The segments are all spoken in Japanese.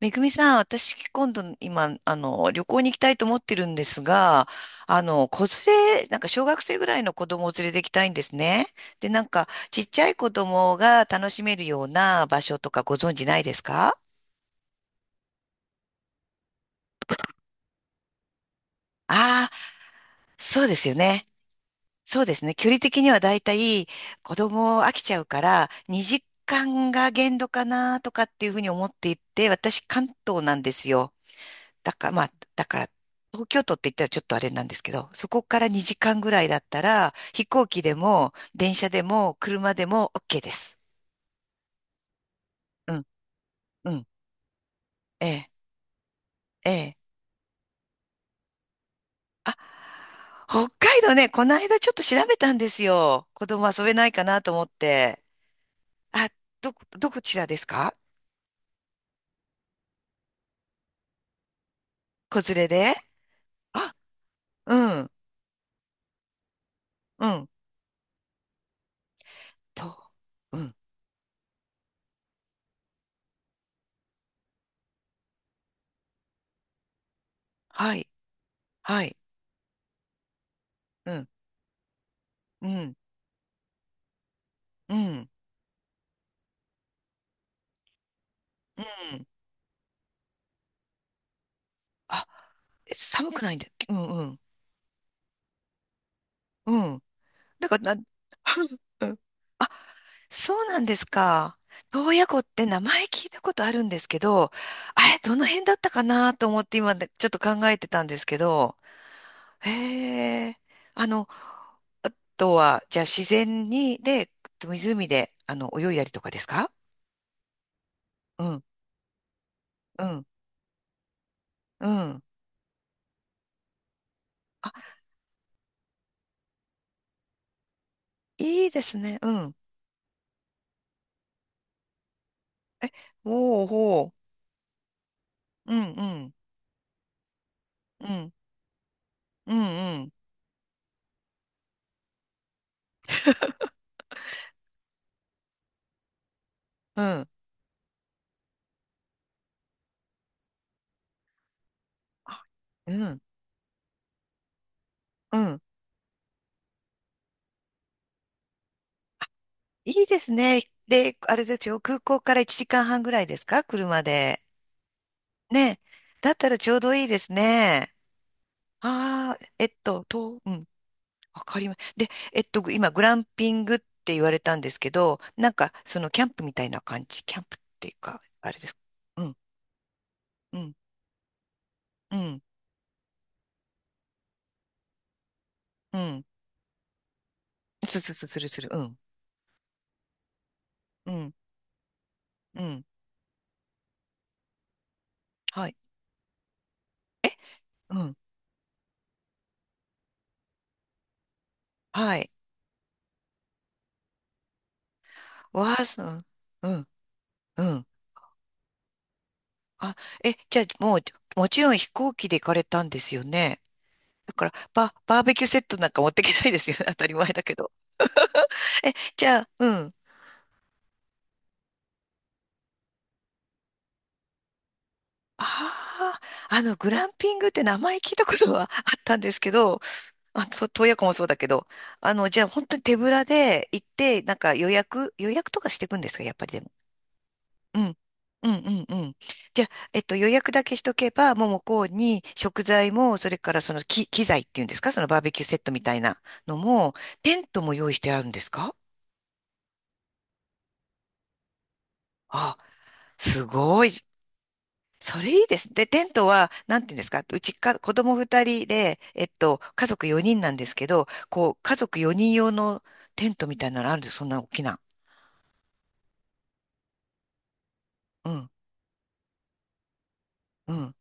めぐみさん、私、今、旅行に行きたいと思ってるんですが、子連れ、なんか小学生ぐらいの子供を連れて行きたいんですね。で、なんか、ちっちゃい子供が楽しめるような場所とかご存知ないですか？ああー、そうですよね。そうですね。距離的にはだいたい子供飽きちゃうから、2時間が限度かなとかっていうふうに思っていて、私、関東なんですよ。だから、まあ、だから、東京都って言ったらちょっとあれなんですけど、そこから2時間ぐらいだったら、飛行機でも、電車でも、車でも OK です。うん、うん、ええ、ええ。北海道ね、この間ちょっと調べたんですよ。子供遊べないかなと思って。あ、どちらですか？子連れで。あ、うん、うん、と、うん、はい、はい、うん、うん、うん、うん。あ、え、寒くないんだ。うん、うん、うん。なんか、な うん。あ、そうなんですか。洞爺湖って名前聞いたことあるんですけど、あれ、どの辺だったかなと思って今ねちょっと考えてたんですけど、へえ、あの、あとは、じゃあ自然に、で、湖で、泳いだりとかですか？うん、うん、うん。あ、いいですね。うん。おお、ほう。うん、うん、うん、うん、うん、うん。あ、うん、うん。いいですね。で、あれですよ、空港から1時間半ぐらいですか、車で。ね。だったらちょうどいいですね。ああ、えっと、と、うん、わかります。で、えっと、今、グランピングって言われたんですけど、なんか、その、キャンプみたいな感じ。キャンプっていうか、あれですか。うん、うん、うん、うん。する。うん、うん、うん。はい、うん、はい。わあ、そう、うん、うん。あ、え、じゃあ、もう、もちろん飛行機で行かれたんですよね。だから、バーベキューセットなんか持っていけないですよね。当たり前だけど。え、じゃあ、うん。ああ、グランピングって名前聞いたことは あったんですけど、あ、と洞爺湖もそうだけど、じゃあ本当に手ぶらで行って、なんか予約とかしていくんですか、やっぱりでも。うん。うんうんうん。じゃあ、えっと、予約だけしとけば、もう向こうに食材も、それからその機材っていうんですか、そのバーベキューセットみたいなのも、テントも用意してあるんですか？あ、すごい。それいいです。で、テントは、なんていうんですか、うちか、子供二人で、えっと、家族四人なんですけど、こう、家族四人用のテントみたいなのあるんですよ、そんな大きな。うん、うん、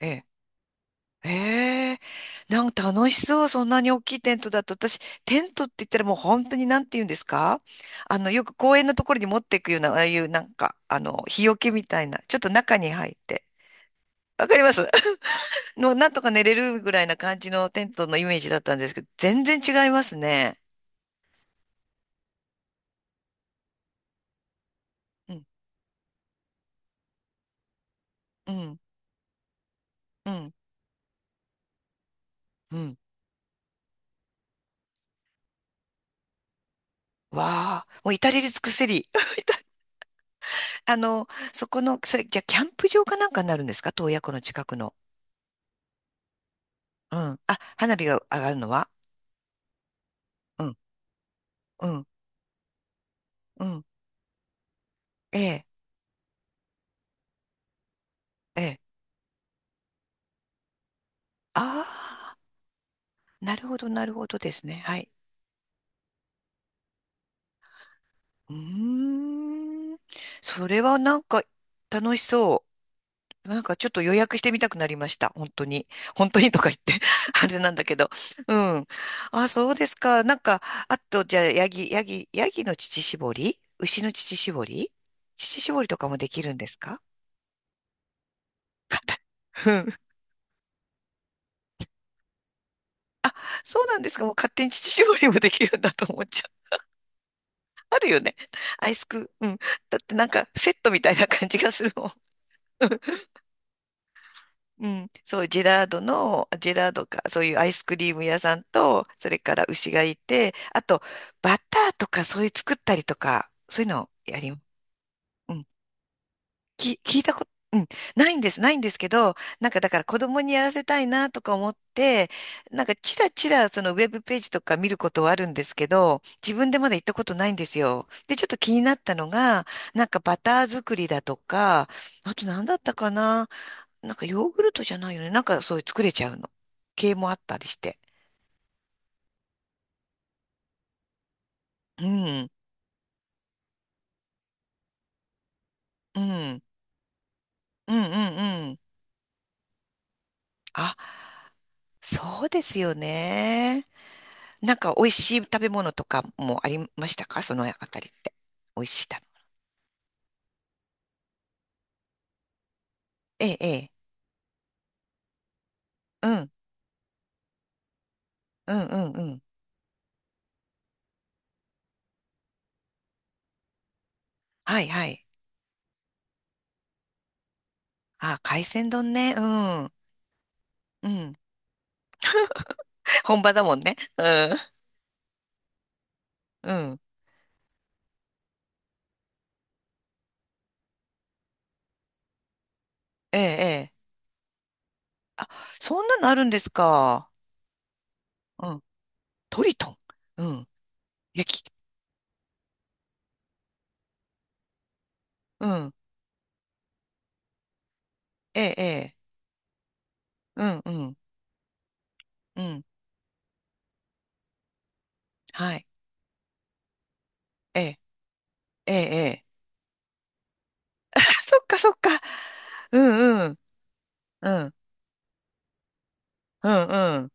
ええ。ええ、なんか楽しそう。そんなに大きいテントだと、私、テントって言ったらもう本当になんて言うんですか、よく公園のところに持っていくような、ああいうなんか、日よけみたいな、ちょっと中に入って。わかります。 の、なんとか寝れるぐらいな感じのテントのイメージだったんですけど、全然違いますね。うん、うん、うん、うん。わあ、もう至れり尽くせり。あの、そこの、それ、じゃあ、キャンプ場かなんかになるんですか、洞爺湖の近くの。うん。あ、花火が上がるのは？うん、うん、うん。ええ、ええ。ああ、なるほど、なるほどですね。はい。うーん。それはなんか楽しそう。なんかちょっと予約してみたくなりました。本当に。本当にとか言って あれなんだけど。うん。あ、そうですか。なんか、あと、じゃあ、ヤギの乳搾り、牛の乳搾り、乳搾りとかもできるんですか？うん。そうなんですか。もう勝手に乳搾りもできるんだと思っちゃう。あるよね。アイスク、うん。だってなんかセットみたいな感じがするもん。うん、そう、ジェラードか、そういうアイスクリーム屋さんと、それから牛がいて、あと、バターとかそういう作ったりとか、そういうのをやり、うん、き、聞いたこと、うん、ないんですけど、なんかだから子供にやらせたいなとか思って、なんかチラチラそのウェブページとか見ることはあるんですけど、自分でまだ行ったことないんですよ。で、ちょっと気になったのが、なんかバター作りだとか、あと何だったかな、なんかヨーグルトじゃないよね。なんかそういう作れちゃうの。系もあったりして。うん、うん、うん、うん、うん。あ、そうですよね。なんか美味しい食べ物とかもありましたか、そのあたりって。美味しい食べ。ええ、ええ。うん、うん、うん、うん。はい、はい。あ、海鮮丼ね。うん、うん。本場だもんね。うん、うん。ええ、ええ。そんなのあるんですか。うん。トリトン。うん。焼き。うん。ええ、ええ。うん、うん。うん、はい。ええ、ええ、ええ。そっかそっか。うんうん、うん、うん、うん。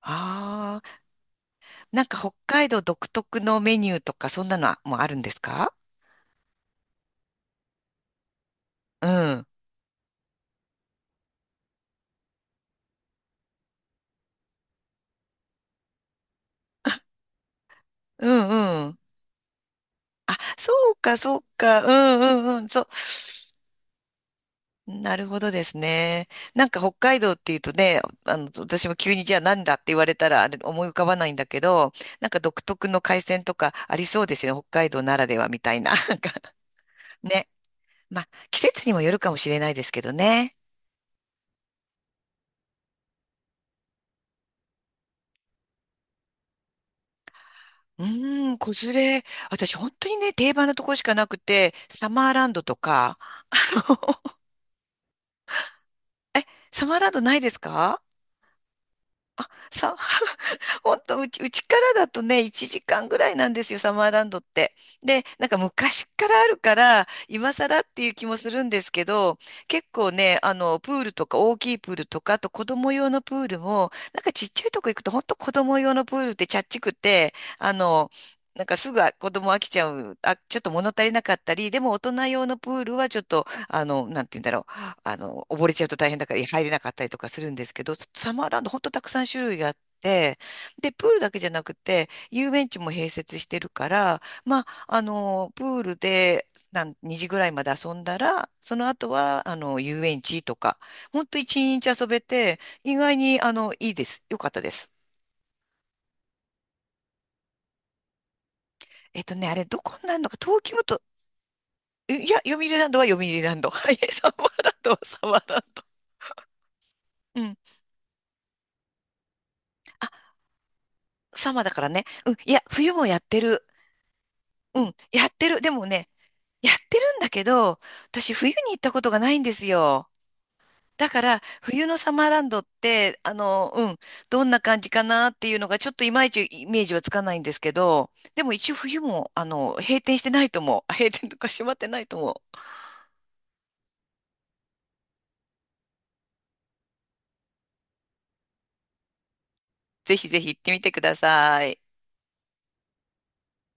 ああ、なんか北海道独特のメニューとか、そんなのはもうあるんですか？うん、うん、うん。あ、そうかそうか。うん、うん、うん。そう。なるほどですね。なんか北海道っていうとね、私も急にじゃあなんだって言われたらあれ思い浮かばないんだけど、なんか独特の海鮮とかありそうですよね。北海道ならではみたいな。なんかね。まあ、季節にもよるかもしれないですけどね。うーん、子連れ。私、本当にね、定番のところしかなくて、サマーランドとか。え、サマーランドないですか？さ、本当うちからだとね、1時間ぐらいなんですよ、サマーランドって。で、なんか昔からあるから、今更っていう気もするんですけど、結構ね、プールとか大きいプールとか、あと子供用のプールも、なんかちっちゃいとこ行くと、本当子供用のプールってちゃっちくて、あの、なんかすぐ子供飽きちゃう、あ、ちょっと物足りなかったり、でも大人用のプールはちょっと、なんて言うんだろう、溺れちゃうと大変だから入れなかったりとかするんですけど、サマーランド本当たくさん種類があって、で、プールだけじゃなくて、遊園地も併設してるから、まあ、プールで、なん、2時ぐらいまで遊んだら、その後は、遊園地とか、ほんと一日遊べて、意外に、いいです。よかったです。えっとね、あれ、どこになるのか、東京都、えいや、読売ランドは読売ランド。はい、サマーランドはサマーランド。うん。あ、サマーだからね。うん。いや、冬もやってる。うん。やってる。でもね、やってるんだけど、私、冬に行ったことがないんですよ。だから、冬のサマーランドって、うん、どんな感じかなっていうのが、ちょっといまいちイメージはつかないんですけど、でも一応冬も、閉店してないと思う。閉店とか閉まってないと思う。ぜひぜひ行ってみてください。